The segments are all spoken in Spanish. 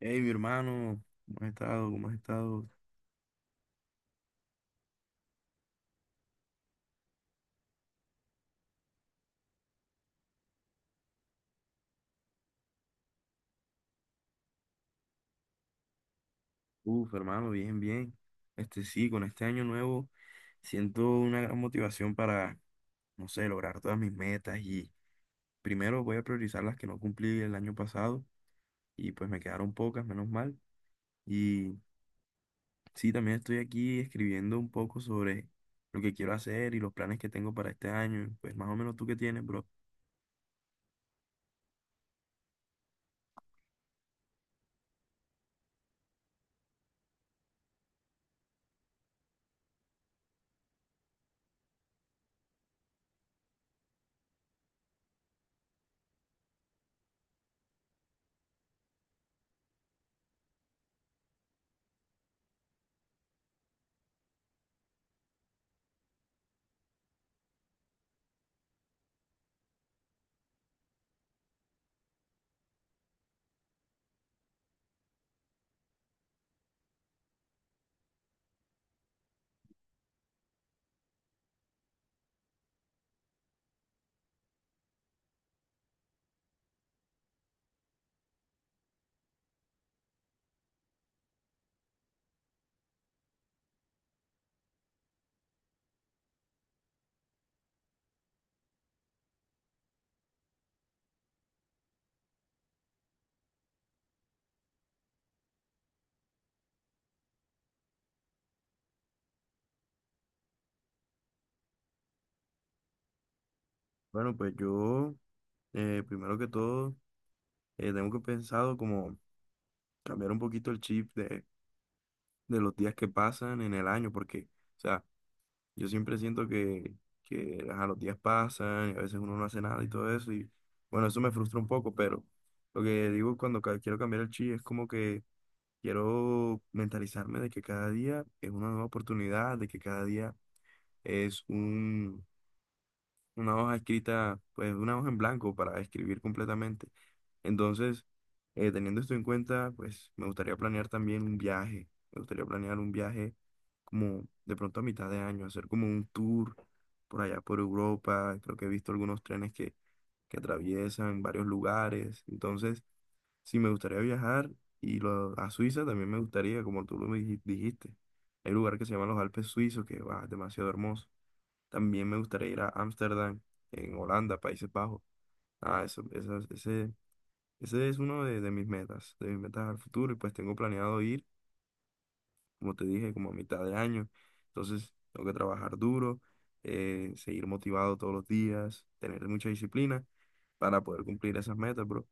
Hey, mi hermano, ¿cómo has estado? ¿Cómo has estado? Hermano, bien, bien. Este sí, con este año nuevo siento una gran motivación para, no sé, lograr todas mis metas y primero voy a priorizar las que no cumplí el año pasado y pues me quedaron pocas, menos mal. Y sí, también estoy aquí escribiendo un poco sobre lo que quiero hacer y los planes que tengo para este año. Pues más o menos tú qué tienes, bro. Bueno, pues yo, primero que todo, tengo que pensado como cambiar un poquito el chip de los días que pasan en el año, porque, o sea, yo siempre siento que ajá, los días pasan y a veces uno no hace nada y todo eso, y bueno, eso me frustra un poco, pero lo que digo cuando quiero cambiar el chi es como que quiero mentalizarme de que cada día es una nueva oportunidad, de que cada día es una hoja escrita, pues una hoja en blanco para escribir completamente. Entonces, teniendo esto en cuenta, pues me gustaría planear también un viaje. Me gustaría planear un viaje como de pronto a mitad de año, hacer como un tour por allá por Europa. Creo que he visto algunos trenes que atraviesan varios lugares. Entonces, sí, me gustaría viajar y a Suiza también me gustaría, como tú lo dijiste. Hay un lugar que se llama los Alpes Suizos, que va, es demasiado hermoso. También me gustaría ir a Ámsterdam, en Holanda, Países Bajos. Ese, ese es uno de mis metas al futuro. Y pues tengo planeado ir, como te dije, como a mitad de año. Entonces, tengo que trabajar duro, seguir motivado todos los días, tener mucha disciplina para poder cumplir esas metas, bro.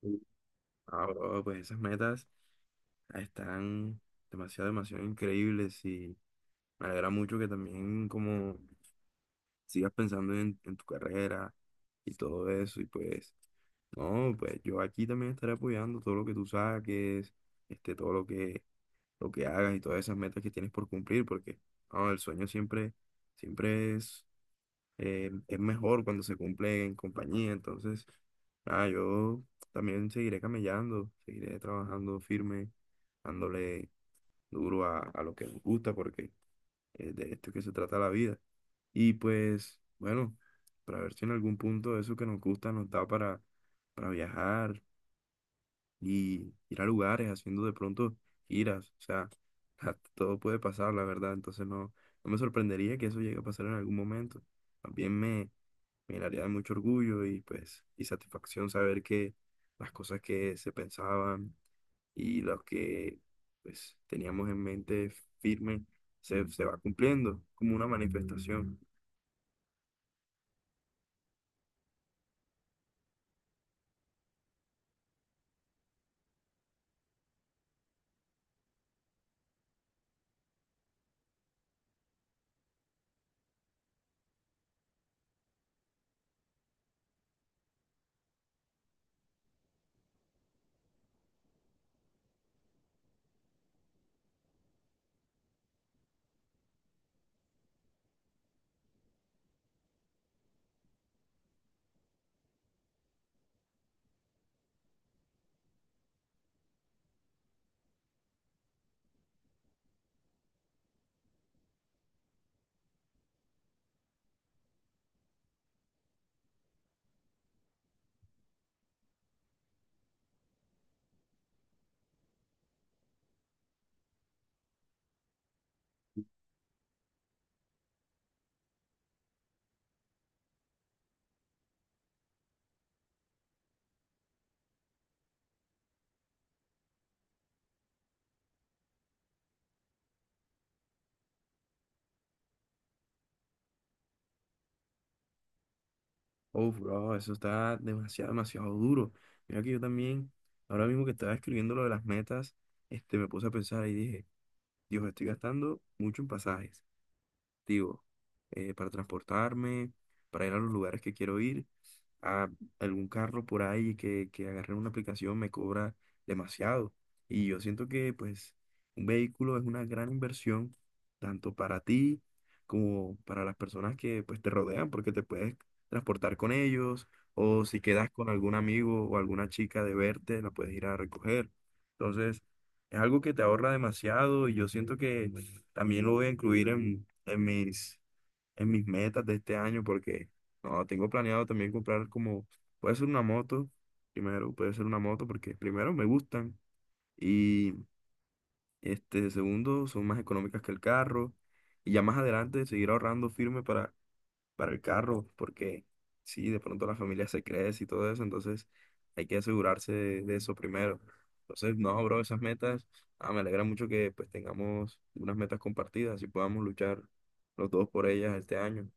Sí. Ah, bro, pues esas metas están demasiado, demasiado increíbles y me alegra mucho que también como sigas pensando en tu carrera y todo eso. Y pues, no, pues yo aquí también estaré apoyando todo lo que tú saques, este, todo lo lo que hagas y todas esas metas que tienes por cumplir, porque no, el sueño siempre, siempre es mejor cuando se cumple en compañía. Entonces, nada, yo también seguiré camellando, seguiré trabajando firme, dándole duro a lo que nos gusta, porque de esto es que se trata la vida. Y pues, bueno, para ver si en algún punto eso que nos gusta nos da para viajar y ir a lugares haciendo de pronto giras. O sea, todo puede pasar, la verdad. Entonces no, no me sorprendería que eso llegue a pasar en algún momento. También me, me llenaría de mucho orgullo y pues, y satisfacción saber que las cosas que se pensaban y lo que pues teníamos en mente firme se va cumpliendo como una manifestación. Uf, bro, eso está demasiado, demasiado duro. Mira que yo también, ahora mismo que estaba escribiendo lo de las metas, este, me puse a pensar y dije, Dios, estoy gastando mucho en pasajes digo, para transportarme, para ir a los lugares que quiero ir. A algún carro por ahí que agarre una aplicación me cobra demasiado. Y yo siento que pues un vehículo es una gran inversión, tanto para ti como para las personas que pues te rodean, porque te puedes transportar con ellos o si quedas con algún amigo o alguna chica de verte, la puedes ir a recoger. Entonces, es algo que te ahorra demasiado y yo siento que también lo voy a incluir en en mis metas de este año porque no, tengo planeado también comprar como, puede ser una moto, primero, puede ser una moto porque primero me gustan y este, segundo, son más económicas que el carro y ya más adelante seguir ahorrando firme para el carro, porque sí, de pronto la familia se crece y todo eso, entonces hay que asegurarse de eso primero. Entonces, no, bro, esas metas, ah, me alegra mucho que pues tengamos unas metas compartidas y podamos luchar los dos por ellas este año.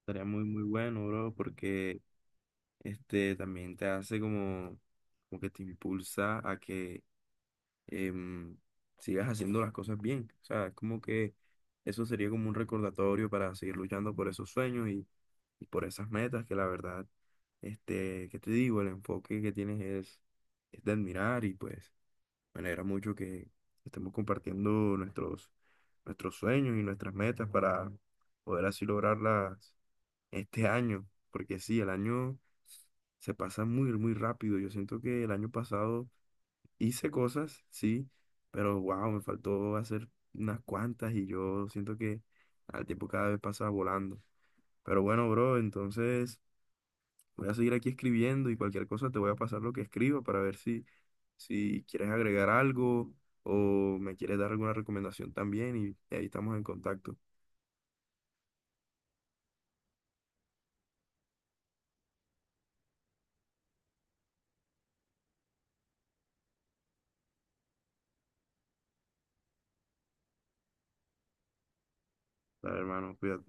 Estaría muy, muy bueno, bro, porque este también te hace como, como que te impulsa a que em, sigas haciendo las cosas bien. O sea, es como que eso sería como un recordatorio para seguir luchando por esos sueños y por esas metas que la verdad, este, que te digo, el enfoque que tienes es de admirar y pues me alegra mucho que estemos compartiendo nuestros, nuestros sueños y nuestras metas para poder así lograrlas este año, porque sí, el año se pasa muy, muy rápido. Yo siento que el año pasado hice cosas, sí, pero wow, me faltó hacer unas cuantas y yo siento que al tiempo cada vez pasa volando. Pero bueno, bro, entonces voy a seguir aquí escribiendo y cualquier cosa te voy a pasar lo que escribo para ver si, si quieres agregar algo o me quieres dar alguna recomendación también y ahí estamos en contacto. Dale, hermano, cuídate.